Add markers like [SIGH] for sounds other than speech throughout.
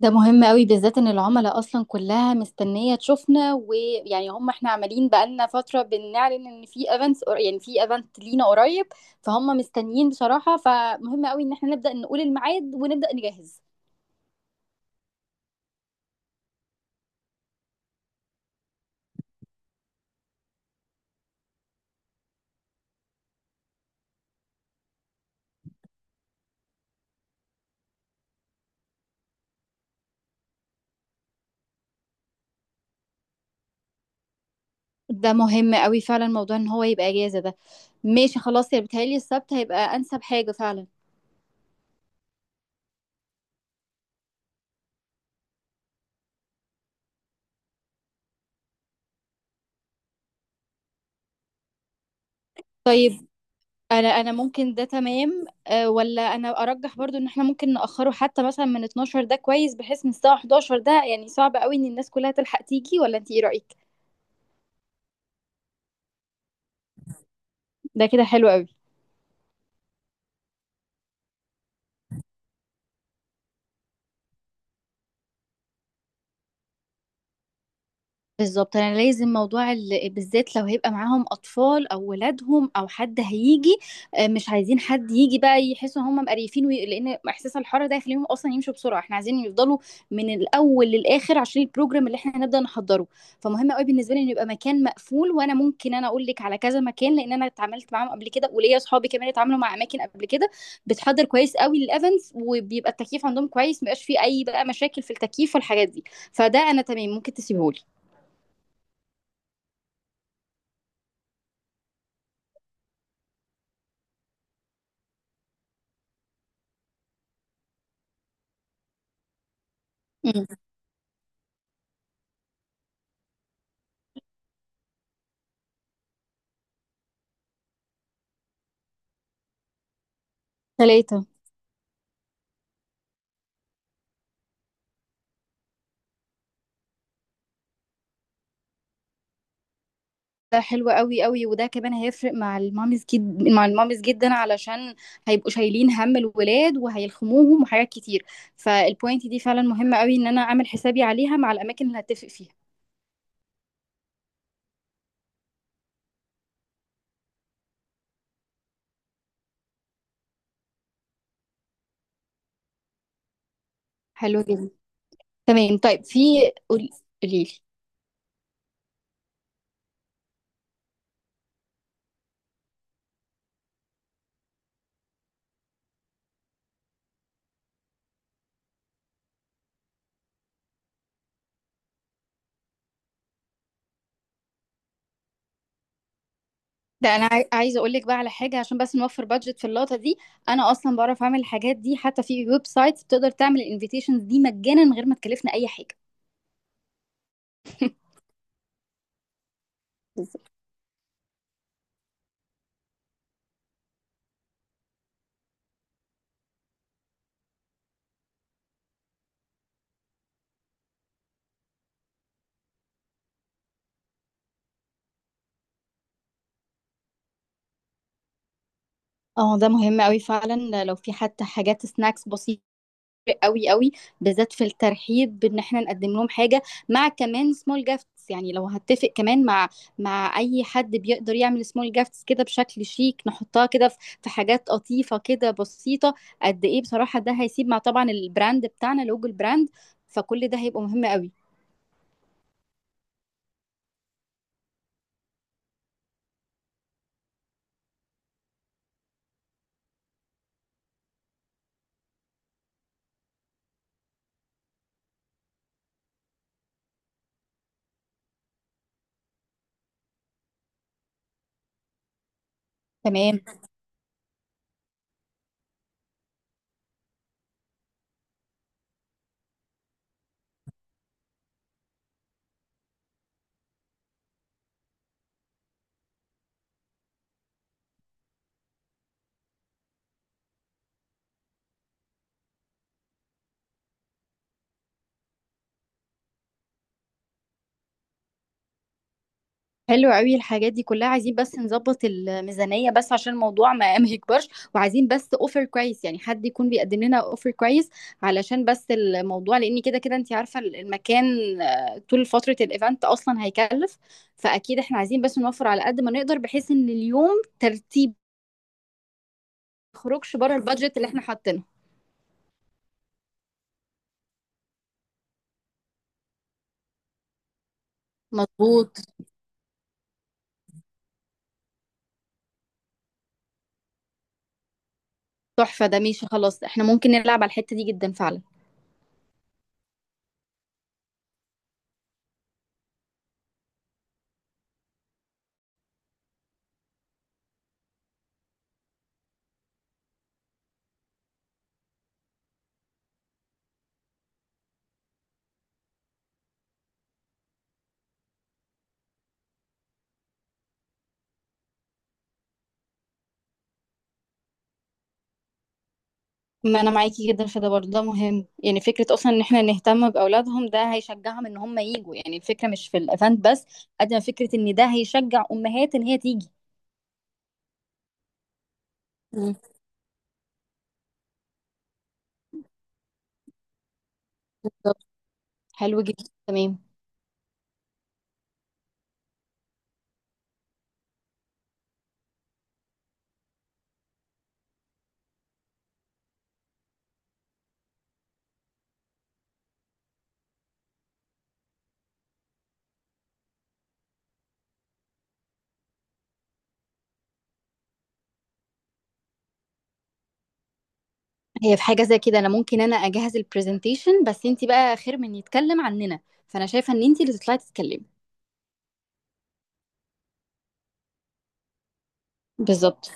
ده مهم قوي بالذات ان العملاء اصلا كلها مستنيه تشوفنا ويعني هم احنا عمالين بقالنا فتره بنعلن ان في ايفنتس، يعني في ايفنت لينا قريب. فهم مستنيين بصراحه، فمهم قوي ان احنا نبدا نقول الميعاد ونبدا نجهز. ده مهم قوي فعلا، موضوع ان هو يبقى اجازه ده. ماشي خلاص، يا بتهيألي السبت هيبقى انسب حاجه فعلا. طيب انا ممكن ده تمام أه، ولا انا ارجح برضو ان احنا ممكن نأخره حتى مثلا من 12، ده كويس، بحيث من الساعة 11، ده يعني صعب قوي ان الناس كلها تلحق تيجي. ولا انت ايه رأيك؟ ده كده حلو قوي. بالظبط، انا لازم موضوع بالذات لو هيبقى معاهم اطفال او ولادهم او حد هيجي. مش عايزين حد يجي بقى يحسوا ان هم مقريفين لان احساس الحراره ده يخليهم اصلا يمشوا بسرعه، احنا عايزين يفضلوا من الاول للاخر عشان البروجرام اللي احنا هنبدا نحضره. فمهم قوي بالنسبه لي ان يبقى مكان مقفول، وانا ممكن اقول لك على كذا مكان، لان انا اتعاملت معاهم قبل كده، وليا اصحابي كمان اتعاملوا مع اماكن قبل كده بتحضر كويس قوي للايفنتس، وبيبقى التكييف عندهم كويس، مبقاش فيه اي بقى مشاكل في التكييف والحاجات دي. فده انا تمام، ممكن تسيبهولي. ثلاثة. ده حلو قوي قوي، وده كمان هيفرق مع الماميز جد، مع الماميز جدا، علشان هيبقوا شايلين هم الولاد وهيلخموهم وحاجات كتير. فالبوينت دي فعلا مهمة قوي ان انا اعمل حسابي عليها مع الاماكن اللي هتفق فيها. حلو جدا، تمام. طيب في، قولي لي. ده انا عايزه اقول لك بقى على حاجه، عشان بس نوفر بادجت في اللقطه دي. انا اصلا بعرف اعمل الحاجات دي، حتى في ويب سايت بتقدر تعمل الانفيتيشنز دي مجانا من غير ما تكلفنا اي حاجه. بالظبط. اه ده مهم قوي فعلا، لو في حتى حاجات سناكس بسيطة قوي قوي، بالذات في الترحيب بان احنا نقدم لهم حاجه، مع كمان سمول جافتس. يعني لو هتفق كمان مع اي حد بيقدر يعمل سمول جافتس كده بشكل شيك، نحطها كده في حاجات لطيفه كده بسيطه قد ايه بصراحه. ده هيسيب مع طبعا البراند بتاعنا، لوجو البراند، فكل ده هيبقى مهم قوي. تمام. حلو قوي، الحاجات دي كلها عايزين بس نظبط الميزانية، بس عشان الموضوع ما [LAUGHS] ما يكبرش، وعايزين بس اوفر كويس، يعني حد يكون بيقدم لنا اوفر كويس، علشان بس الموضوع، لان كده كده انت عارفة المكان طول فترة الايفنت اصلا هيكلف. فاكيد احنا عايزين بس نوفر على قد ما نقدر، بحيث ان اليوم ترتيب ما يخرجش بره البادجت اللي احنا حاطينه. مظبوط. تحفة، ده ماشي خلاص، احنا ممكن نلعب على الحتة دي جدا فعلا. ما انا معاكي جدا في ده برضه، ده مهم. يعني فكره اصلا ان احنا نهتم باولادهم ده هيشجعهم ان هم يجوا. يعني الفكره مش في الايفنت بس قد ما فكره ان ده هيشجع امهات ان هي تيجي. مم. بالظبط. حلو جدا، تمام. هي في حاجه زي كده، انا ممكن اجهز البرزنتيشن، بس انت بقى خير من يتكلم عننا، فانا شايفه ان انت اللي تطلعي تتكلمي. بالظبط.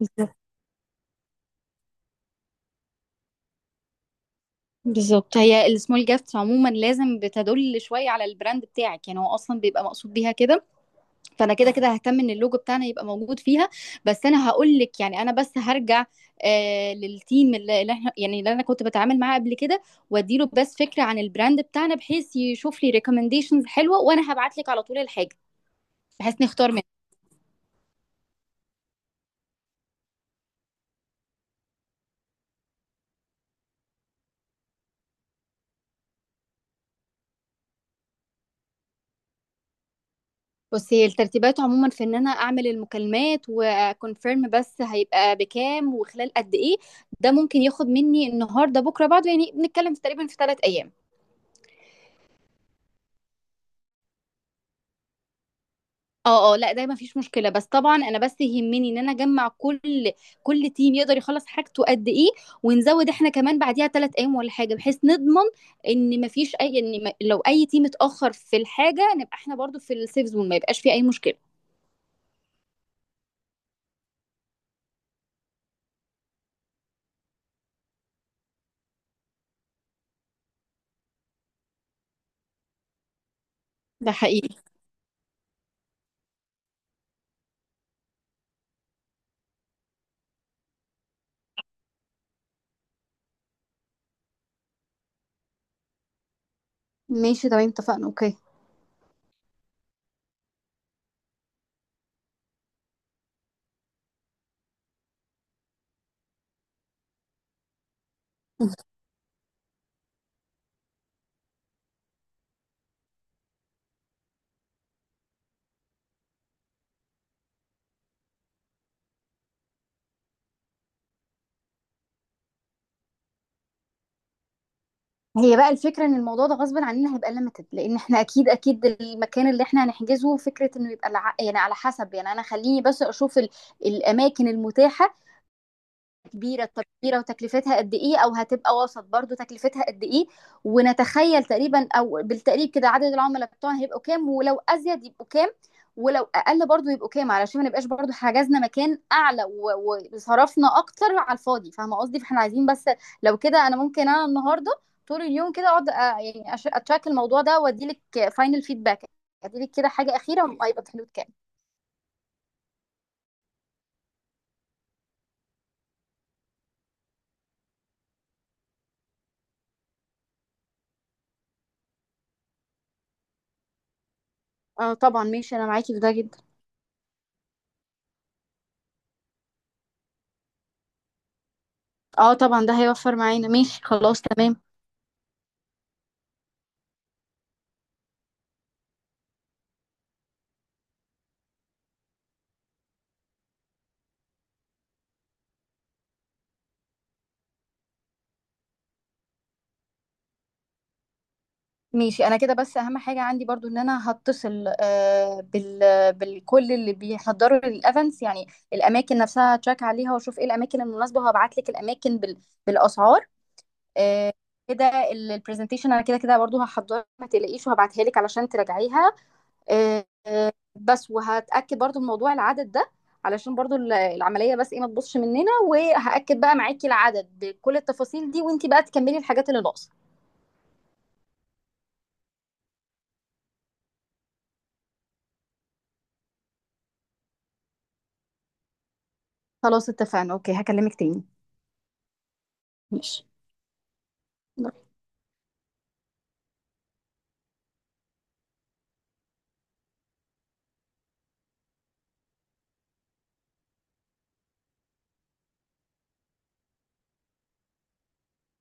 بالظبط. بالظبط. هي السمول جافتس عموما لازم بتدل شويه على البراند بتاعك، يعني هو اصلا بيبقى مقصود بيها كده. فانا كده كده ههتم ان اللوجو بتاعنا يبقى موجود فيها. بس انا هقول لك، يعني انا بس هرجع للتيم اللي احنا يعني اللي انا كنت بتعامل معاه قبل كده، واديله بس فكره عن البراند بتاعنا بحيث يشوف لي ريكومنديشنز حلوه، وانا هبعت لك على طول الحاجه بحيث نختار منها. بس هي الترتيبات عموما في ان انا اعمل المكالمات وكونفيرم، بس هيبقى بكام وخلال قد ايه. ده ممكن ياخد مني النهارده بكره بعده، يعني بنتكلم في تقريبا 3 ايام. اه اه لا ده ما فيش مشكله، بس طبعا انا بس يهمني ان انا اجمع كل تيم يقدر يخلص حاجته قد ايه، ونزود احنا كمان بعديها 3 ايام ولا حاجه، بحيث نضمن ان ما فيش اي ان ما- لو اي تيم اتاخر في الحاجه نبقى احنا برضو في السيف زون، ما يبقاش في اي مشكله. ده حقيقي. ماشي تمام، اتفقنا، اوكي. هي بقى الفكرة ان الموضوع ده غصب عننا هيبقى ليميتد، لان احنا اكيد اكيد المكان اللي احنا هنحجزه، فكرة انه يبقى يعني على حسب، يعني انا خليني بس اشوف الاماكن المتاحة كبيرة. طب كبيرة وتكلفتها قد إيه، أو هتبقى وسط برضو تكلفتها قد إيه، ونتخيل تقريبا أو بالتقريب كده عدد العملاء بتوعنا هيبقوا كام، ولو أزيد يبقوا كام، ولو أقل برضو يبقوا كام، علشان ما نبقاش برضو حجزنا مكان أعلى وصرفنا أكتر على الفاضي، فاهمة قصدي؟ فاحنا عايزين بس لو كده أنا ممكن النهاردة طول اليوم كده أقعد يعني أتراك الموضوع ده وأديلك فاينل فيدباك، أديلك كده حاجة أخيرة هيبقى في حدود كام. اه طبعا، ماشي، أنا معاكي في ده جدا. اه طبعا ده هيوفر معانا، ماشي خلاص، تمام. ماشي، انا كده بس اهم حاجه عندي برضو ان انا هتصل، بالكل اللي بيحضروا الايفنتس. يعني الاماكن نفسها هتشيك عليها، واشوف ايه الاماكن المناسبه، وهبعت لك الاماكن بالاسعار. آه، كده. البرزنتيشن انا كده كده برضو هحضرها، ما تقلقيش، وهبعتها لك علشان تراجعيها. بس وهتاكد برضو من موضوع العدد ده، علشان برضو العمليه بس ايه ما تبصش مننا، وهاكد بقى معاكي العدد بكل التفاصيل دي، وانتي بقى تكملي الحاجات اللي ناقصه. خلاص اتفقنا، اوكي، هكلمك تاني. ماشي.